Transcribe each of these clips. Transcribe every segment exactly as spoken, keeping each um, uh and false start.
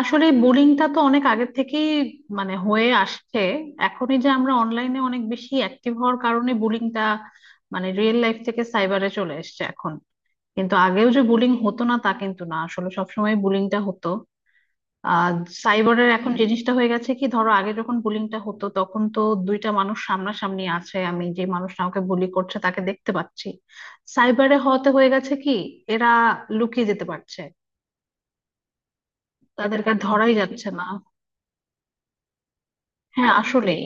আসলে বুলিংটা তো অনেক আগের থেকেই মানে হয়ে আসছে। এখনই যে আমরা অনলাইনে অনেক বেশি অ্যাক্টিভ হওয়ার কারণে বুলিংটা মানে রিয়েল লাইফ থেকে সাইবারে চলে এসেছে এখন। কিন্তু আগেও যে বুলিং হতো না তা কিন্তু না, আসলে সবসময় বুলিংটা হতো। আর সাইবারের এখন জিনিসটা হয়ে গেছে কি, ধরো আগে যখন বুলিংটা হতো তখন তো দুইটা মানুষ সামনাসামনি আছে, আমি যে মানুষটা আমাকে বুলি করছে তাকে দেখতে পাচ্ছি। সাইবারে হওয়াতে হয়ে গেছে কি, এরা লুকিয়ে যেতে পারছে, তাদেরকে আর ধরাই যাচ্ছে না। হ্যাঁ আসলেই।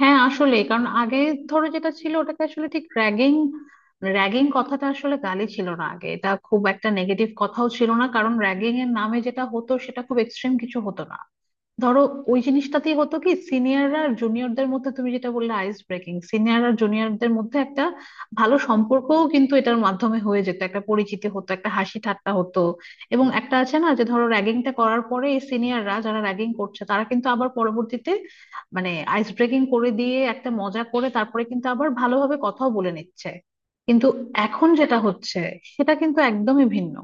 হ্যাঁ আসলে কারণ আগে ধরো যেটা ছিল ওটাকে আসলে ঠিক র্যাগিং। র্যাগিং কথাটা আসলে গালি ছিল না আগে, এটা খুব একটা নেগেটিভ কথাও ছিল না, কারণ র্যাগিং এর নামে যেটা হতো সেটা খুব এক্সট্রিম কিছু হতো না। ধরো ওই জিনিসটাতেই হতো কি সিনিয়ররা আর জুনিয়রদের মধ্যে, তুমি যেটা বললে আইস ব্রেকিং, সিনিয়র আর জুনিয়রদের মধ্যে একটা ভালো সম্পর্কও কিন্তু এটার মাধ্যমে হয়ে যেত, একটা পরিচিতি হতো, একটা হাসি ঠাট্টা হতো। এবং একটা আছে না যে ধরো র্যাগিংটা করার পরে এই সিনিয়ররা যারা র্যাগিং করছে তারা কিন্তু আবার পরবর্তীতে মানে আইস ব্রেকিং করে দিয়ে একটা মজা করে তারপরে কিন্তু আবার ভালোভাবে কথাও বলে নিচ্ছে। কিন্তু এখন যেটা হচ্ছে সেটা কিন্তু একদমই ভিন্ন।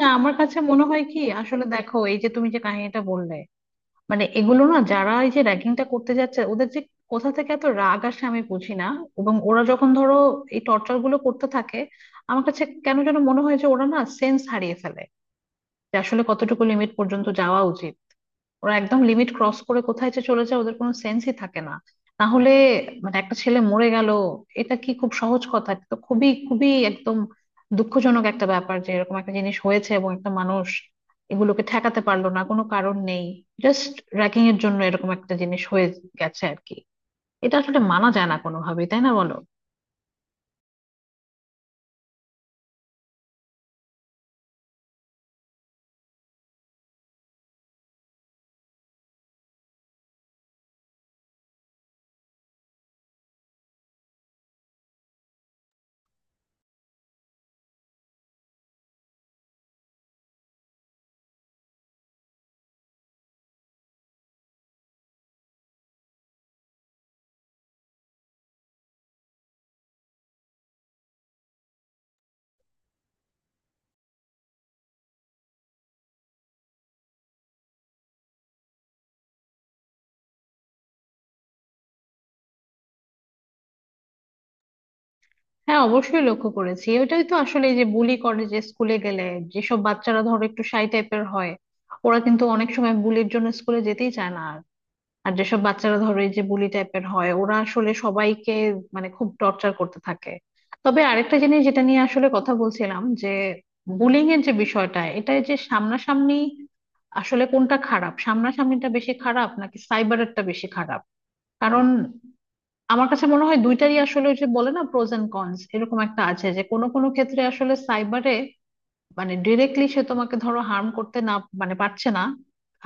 না, আমার কাছে মনে হয় কি আসলে, দেখো এই যে তুমি যে কাহিনীটা বললে, মানে এগুলো না, যারা এই যে র্যাগিংটা করতে যাচ্ছে ওদের যে কোথা থেকে এত রাগ আসে আমি বুঝি না। এবং ওরা যখন ধরো এই টর্চার গুলো করতে থাকে, আমার কাছে কেন যেন মনে হয় যে ওরা না সেন্স হারিয়ে ফেলে, যে আসলে কতটুকু লিমিট পর্যন্ত যাওয়া উচিত। ওরা একদম লিমিট ক্রস করে কোথায় যে চলে যায় ওদের কোনো সেন্সই থাকে না। না হলে মানে একটা ছেলে মরে গেল, এটা কি খুব সহজ কথা, তো খুবই খুবই একদম দুঃখজনক একটা ব্যাপার যে এরকম একটা জিনিস হয়েছে এবং একটা মানুষ এগুলোকে ঠেকাতে পারলো না। কোনো কারণ নেই, জাস্ট র্যাগিং এর জন্য এরকম একটা জিনিস হয়ে গেছে আর কি। এটা আসলে মানা যায় না কোনোভাবেই, তাই না বলো? হ্যাঁ অবশ্যই লক্ষ্য করেছি, ওইটাই তো আসলে এই যে বুলি করে, যে স্কুলে গেলে যেসব বাচ্চারা ধরো একটু শাই টাইপের হয় ওরা কিন্তু অনেক সময় বুলির জন্য স্কুলে যেতেই চায় না। আর যেসব বাচ্চারা ধরো এই যে বুলি টাইপের হয় ওরা আসলে সবাইকে মানে খুব টর্চার করতে থাকে। তবে আরেকটা জিনিস যেটা নিয়ে আসলে কথা বলছিলাম, যে বুলিং এর যে বিষয়টা এটা যে সামনাসামনি, আসলে কোনটা খারাপ, সামনাসামনিটা বেশি খারাপ নাকি সাইবারেরটা বেশি খারাপ? কারণ আমার কাছে মনে হয় দুইটারই আসলে ওই যে বলে না প্রোজ এন্ড কনস, এরকম একটা আছে যে কোনো কোনো ক্ষেত্রে আসলে সাইবারে মানে ডিরেক্টলি সে তোমাকে ধরো হার্ম করতে না মানে পারছে না,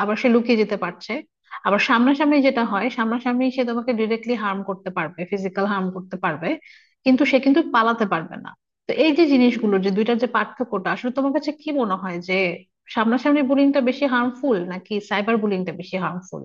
আবার সে লুকিয়ে যেতে পারছে। আবার সামনাসামনি যেটা হয়, সামনাসামনি সে তোমাকে ডিরেক্টলি হার্ম করতে পারবে, ফিজিক্যাল হার্ম করতে পারবে, কিন্তু সে কিন্তু পালাতে পারবে না। তো এই যে জিনিসগুলো যে দুইটার যে পার্থক্যটা, আসলে তোমার কাছে কি মনে হয় যে সামনাসামনি বুলিংটা বেশি হার্মফুল নাকি সাইবার বুলিংটা বেশি হার্মফুল?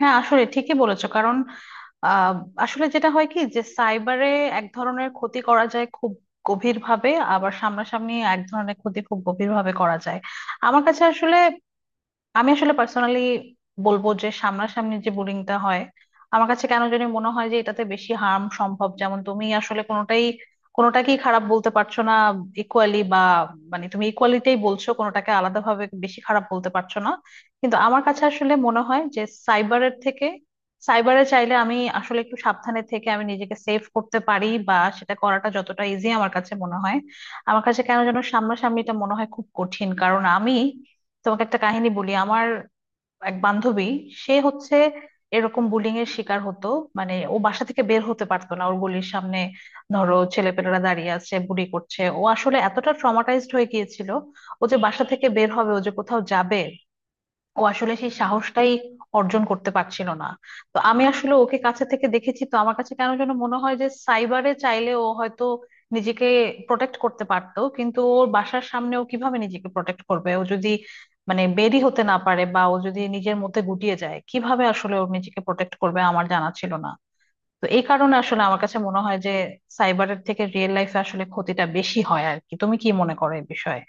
হ্যাঁ আসলে ঠিকই বলেছো কারণ আহ আসলে যেটা হয় কি যে সাইবারে এক ধরনের ক্ষতি করা যায় খুব গভীর ভাবে, আবার সামনাসামনি এক ধরনের ক্ষতি খুব গভীর ভাবে করা যায়। আমার কাছে আসলে, আমি আসলে পার্সোনালি বলবো যে সামনাসামনি যে বুলিংটা হয়, আমার কাছে কেন জানি মনে হয় যে এটাতে বেশি হার্ম সম্ভব। যেমন তুমি আসলে কোনোটাই, কোনোটাকেই খারাপ বলতে পারছো না, ইকুয়ালি বা মানে তুমি ইকুয়ালিটাই বলছো, কোনোটাকে আলাদাভাবে বেশি খারাপ বলতে পারছো না। কিন্তু আমার কাছে আসলে মনে হয় যে সাইবারের থেকে, সাইবারে চাইলে আমি আসলে একটু সাবধানে থেকে আমি নিজেকে সেভ করতে পারি, বা সেটা করাটা যতটা ইজি আমার কাছে মনে হয়, আমার কাছে কেন যেন সামনাসামনিটা মনে হয় খুব কঠিন। কারণ আমি তোমাকে একটা কাহিনী বলি, আমার এক বান্ধবী, সে হচ্ছে এরকম বুলিং এর শিকার হতো। মানে ও বাসা থেকে বের হতে পারতো না, ওর গলির সামনে ধরো ছেলেপেলেরা দাঁড়িয়ে আছে বুড়ি করছে, ও আসলে এতটা ট্রমাটাইজড হয়ে গিয়েছিল, ও যে বাসা থেকে বের হবে, ও যে কোথাও যাবে, ও আসলে সেই সাহসটাই অর্জন করতে পারছিল না। তো আমি আসলে ওকে কাছে থেকে দেখেছি, তো আমার কাছে কেন যেন মনে হয় যে সাইবারে চাইলে ও হয়তো নিজেকে প্রোটেক্ট করতে পারতো, কিন্তু ওর বাসার সামনে ও কিভাবে নিজেকে প্রোটেক্ট করবে, ও যদি মানে বেরি হতে না পারে বা ও যদি নিজের মধ্যে গুটিয়ে যায় কিভাবে আসলে ও নিজেকে প্রোটেক্ট করবে আমার জানা ছিল না। তো এই কারণে আসলে আমার কাছে মনে হয় যে সাইবারের থেকে রিয়েল লাইফে আসলে ক্ষতিটা বেশি হয় আর কি। তুমি কি মনে করো এই বিষয়ে?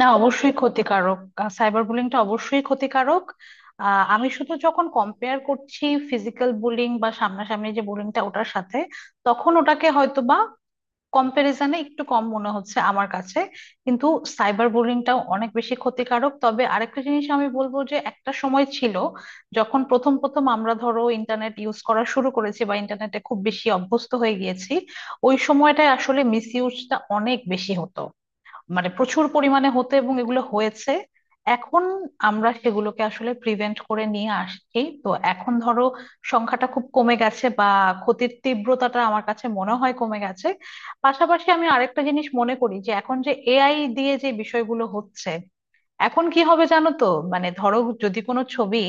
না অবশ্যই ক্ষতিকারক, সাইবার বুলিংটা অবশ্যই ক্ষতিকারক। আহ, আমি শুধু যখন কম্পেয়ার করছি ফিজিক্যাল বুলিং বা সামনাসামনি যে বুলিংটা ওটার সাথে, তখন ওটাকে হয়তো বা কম্প্যারিজনে একটু কম মনে হচ্ছে আমার কাছে। কিন্তু সাইবার বুলিংটাও অনেক বেশি ক্ষতিকারক। তবে আরেকটা জিনিস আমি বলবো যে একটা সময় ছিল যখন প্রথম প্রথম আমরা ধরো ইন্টারনেট ইউজ করা শুরু করেছি বা ইন্টারনেটে খুব বেশি অভ্যস্ত হয়ে গিয়েছি, ওই সময়টায় আসলে মিস ইউজটা অনেক বেশি হতো, মানে প্রচুর পরিমাণে হতে এবং এগুলো হয়েছে। এখন আমরা সেগুলোকে আসলে প্রিভেন্ট করে নিয়ে আসছি, তো এখন ধরো সংখ্যাটা খুব কমে গেছে বা ক্ষতির তীব্রতাটা আমার কাছে মনে হয় কমে গেছে। পাশাপাশি আমি আরেকটা জিনিস মনে করি যে এখন যে এআই দিয়ে যে বিষয়গুলো হচ্ছে, এখন কি হবে জানো তো, মানে ধরো যদি কোনো ছবি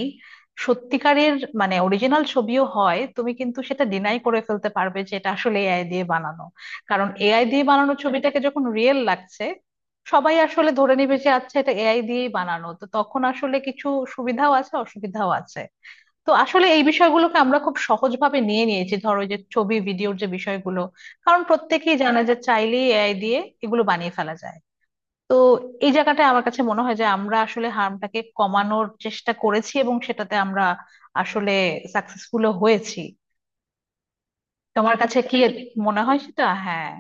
সত্যিকারের মানে অরিজিনাল ছবিও হয় তুমি কিন্তু সেটা ডিনাই করে ফেলতে পারবে যে এটা আসলে এআই দিয়ে বানানো, কারণ এআই দিয়ে বানানো ছবিটাকে যখন রিয়েল লাগছে, সবাই আসলে ধরে নেবে যে আচ্ছা এটা এআই দিয়েই বানানো। তো তখন আসলে কিছু সুবিধাও আছে অসুবিধাও আছে। তো আসলে এই বিষয়গুলোকে আমরা খুব সহজভাবে নিয়ে নিয়েছি, ধরো এই যে ছবি ভিডিওর যে বিষয়গুলো, কারণ প্রত্যেকেই জানে যে চাইলেই এআই দিয়ে এগুলো বানিয়ে ফেলা যায়। তো এই জায়গাটায় আমার কাছে মনে হয় যে আমরা আসলে হার্মটাকে কমানোর চেষ্টা করেছি এবং সেটাতে আমরা আসলে সাকসেসফুলও হয়েছি। তোমার কাছে কি মনে হয় সেটা? হ্যাঁ